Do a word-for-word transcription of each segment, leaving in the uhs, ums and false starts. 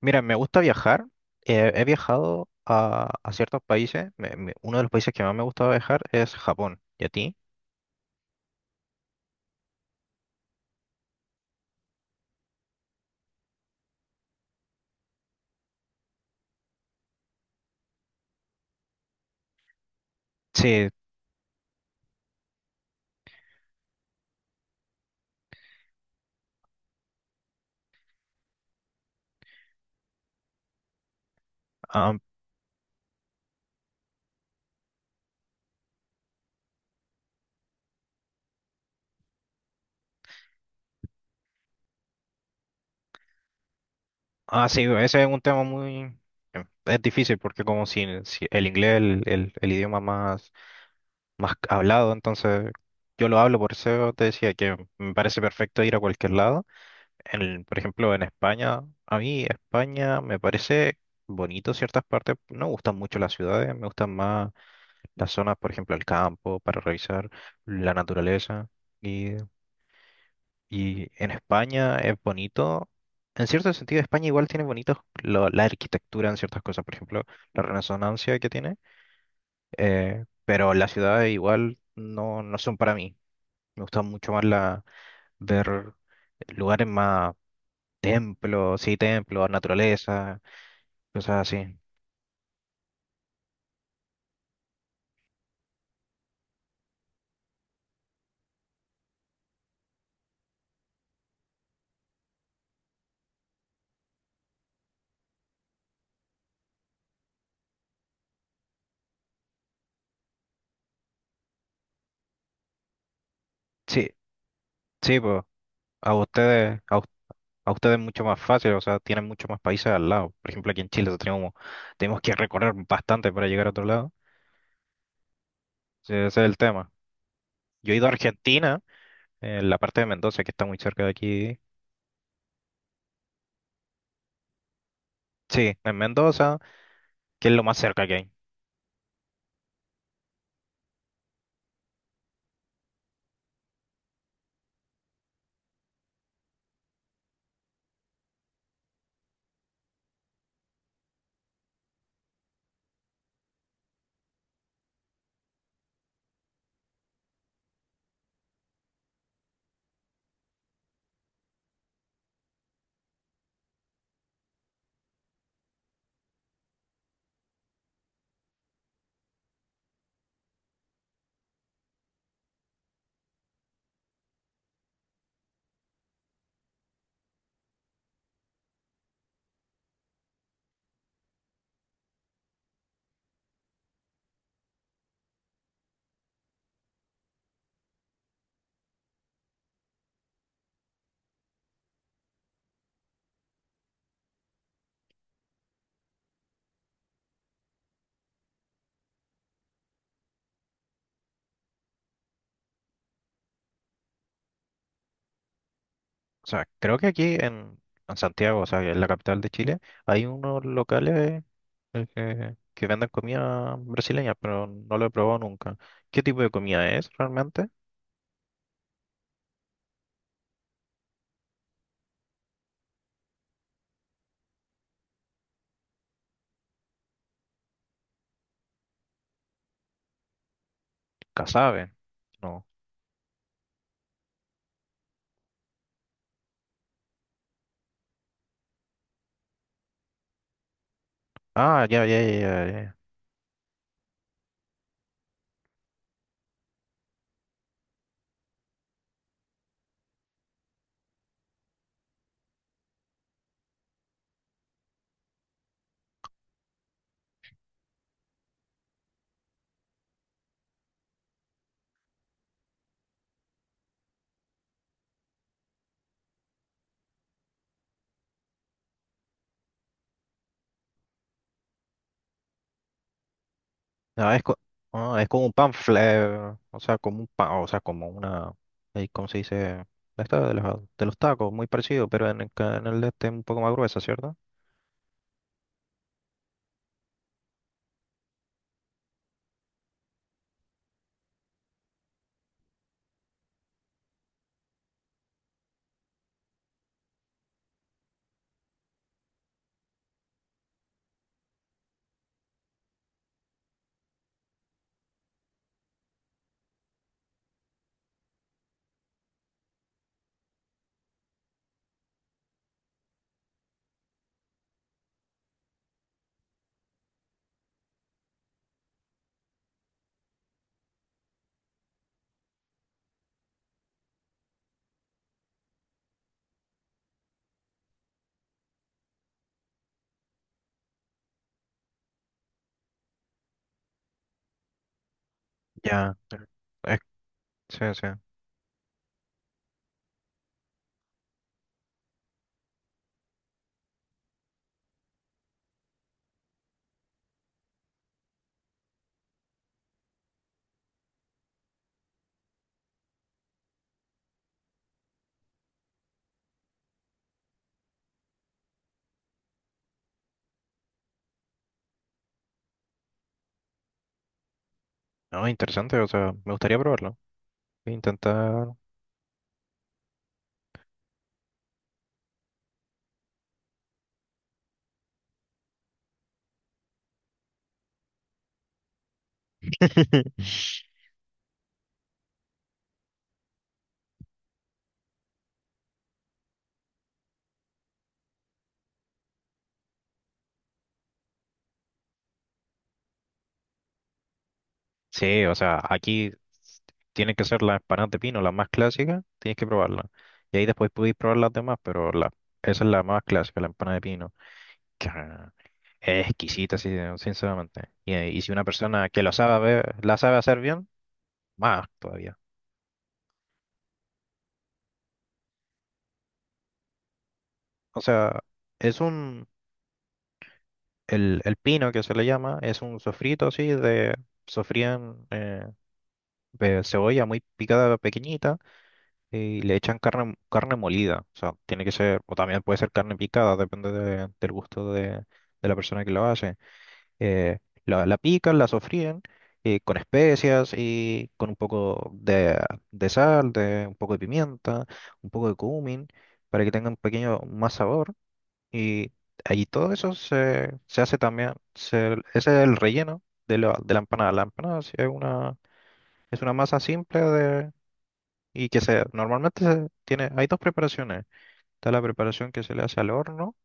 Mira, me gusta viajar. Eh, he viajado a, a ciertos países. Me- me- uno de los países que más me gusta viajar es Japón. ¿Y a ti? Sí, ah, ah, sí, ese es un tema muy... eh, Es difícil porque como si, si el inglés es el, el- el idioma más, más hablado, entonces yo lo hablo, por eso te decía que me parece perfecto ir a cualquier lado. En, por ejemplo, en España, a mí España me parece bonito ciertas partes. No me gustan mucho las ciudades, me gustan más... las zonas, por ejemplo, el campo, para revisar la naturaleza. Y, y en España es bonito. En cierto sentido, España igual tiene bonitos lo- la arquitectura en ciertas cosas, por ejemplo, la resonancia que tiene, eh, pero las ciudades igual no, no son para mí. Me gusta mucho más la, ver lugares más templos, sí, templos, naturaleza, cosas así. Sí, sí, pues, a ustedes, a a ustedes es mucho más fácil, o sea, tienen muchos más países al lado. Por ejemplo, aquí en Chile tenemos, tenemos que recorrer bastante para llegar a otro lado. Ese ese es el tema. Yo he ido a Argentina, en la parte de Mendoza, que está muy cerca de aquí. Sí, en Mendoza, que es lo más cerca que hay. O sea, creo que aquí en, en Santiago, o sea, en la capital de Chile, hay unos locales eh, que, que venden comida brasileña, pero no lo he probado nunca. ¿Qué tipo de comida es realmente? Casabe, no. Ah, ya, ya, ya, ya, ya. No, es, co- ah, es como un panfle, o sea, como un pan, o sea, como una, eh, ¿cómo se dice? Esta de los, de los tacos, muy parecido, pero en el, ca- en el de este un poco más gruesa, ¿cierto? Ya. eh, es- sí, sí. No, interesante, o sea, me gustaría probarlo. Voy a intentar. Sí, o sea, aquí s- tiene que ser la empanada de pino, la más clásica, tienes que probarla. Y ahí después podéis probar las demás, pero la, esa es la más clásica, la empanada de pino. Claro. Es exquisita, sí, sinceramente. Y, eh, y si una persona que lo sabe, ver- la sabe hacer bien, más todavía. O sea, es un, el, el pino que se le llama, es un sofrito así de, sofrían eh, de cebolla muy picada, pequeñita, y le echan carne, carne molida. O sea, tiene que ser, o también puede ser carne picada, depende de- del gusto de, de la persona que lo hace. eh, la, la pican, la sofríen, eh, con especias y con un poco de, de sal, de, un poco de pimienta, un poco de cumin, para que tenga un pequeño más sabor. Y ahí todo eso se, se hace también, se- ese es el relleno de la, de la empanada. La empanada sí es una, es una masa simple de, y que se, normalmente se tiene, hay dos preparaciones. Está la preparación que se le hace al horno,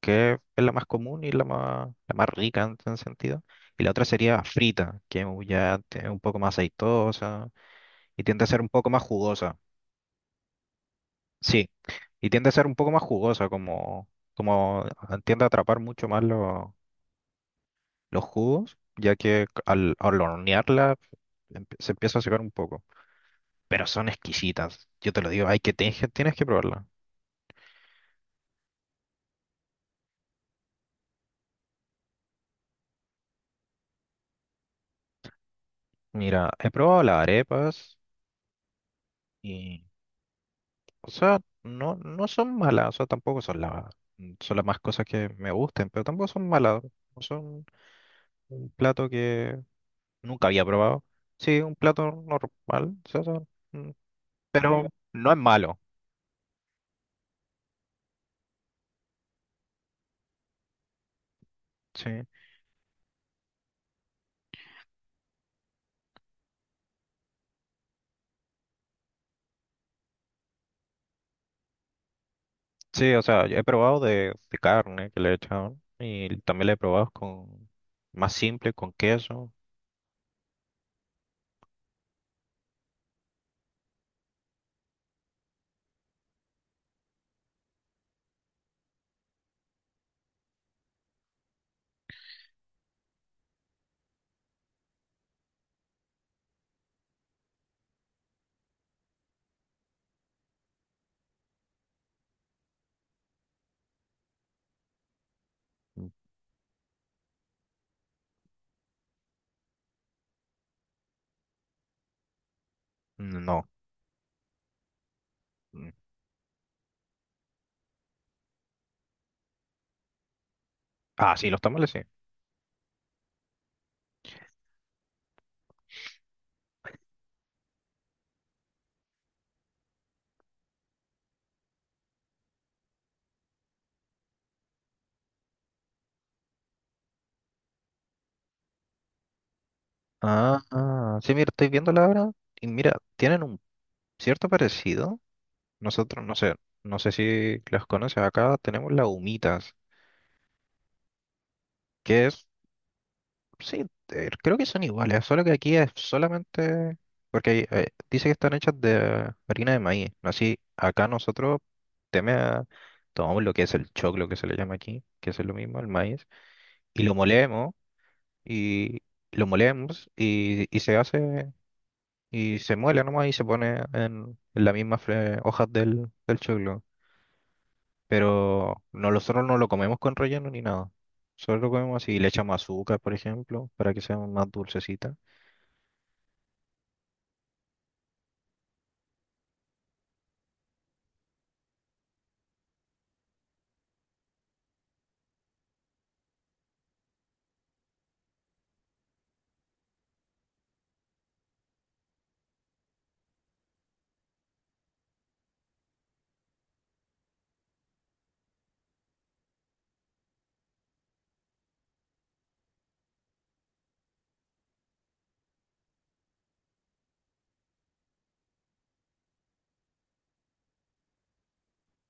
que es la más común y la más, la más rica en ese sentido. Y la otra sería frita, que ya es un poco más aceitosa y tiende a ser un poco más jugosa. Sí, y tiende a ser un poco más jugosa, como, como ah, tiende a atrapar mucho más lo- los jugos, ya que al, al hornearla empie- se empieza a secar un poco. Pero son exquisitas, yo te lo digo, hay que, tienes que tienes que probarla. Mira, he probado las arepas. O sea, no, no son malas, o sea, tampoco son la, son las más cosas que me gusten, pero tampoco son malas. O son un plato que nunca había probado. Sí, un plato normal, o sea, son- mm, pero no es malo. Sí, sí, o sea, yo he probado de, de carne que le he echado y también le he probado con más simple, con queso. Mm, no. Mm. Ah, sí, los tamales sí. Ah, ah, sí, mira, estoy viendo la hora y mira, tienen un cierto parecido. Nosotros, no sé, no sé si los conoces acá, tenemos las humitas, que es, sí, eh, creo que son iguales, solo que aquí es solamente, porque eh, dice que están hechas de harina de maíz, ¿no? Así, acá nosotros teme a- tomamos lo que es el choclo, que se le llama aquí, que es lo mismo, el maíz, y lo molemos, y lo molemos, y, y se hace, y se muele nomás, y se pone en, en las mismas fre- hojas del, del choclo. Pero no, nosotros no lo comemos con relleno ni nada. Solo lo comemos así. Le echamos azúcar, por ejemplo, para que sea más dulcecita.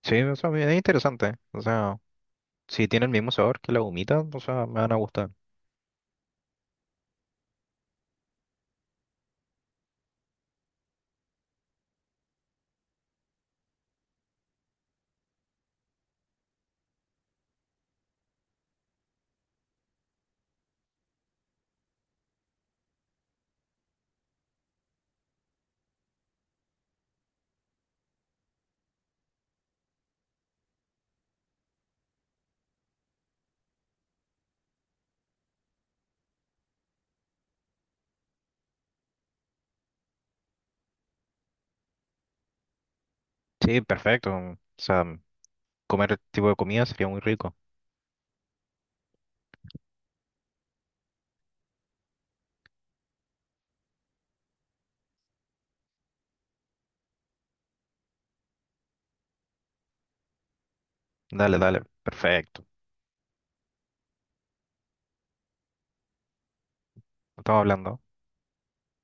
Sí, o sea, es interesante. O sea, si tiene el mismo sabor que la humita, o sea, me van a gustar. Sí, perfecto. O sea, comer este tipo de comida sería muy rico. Dale, dale, perfecto. Estamos hablando.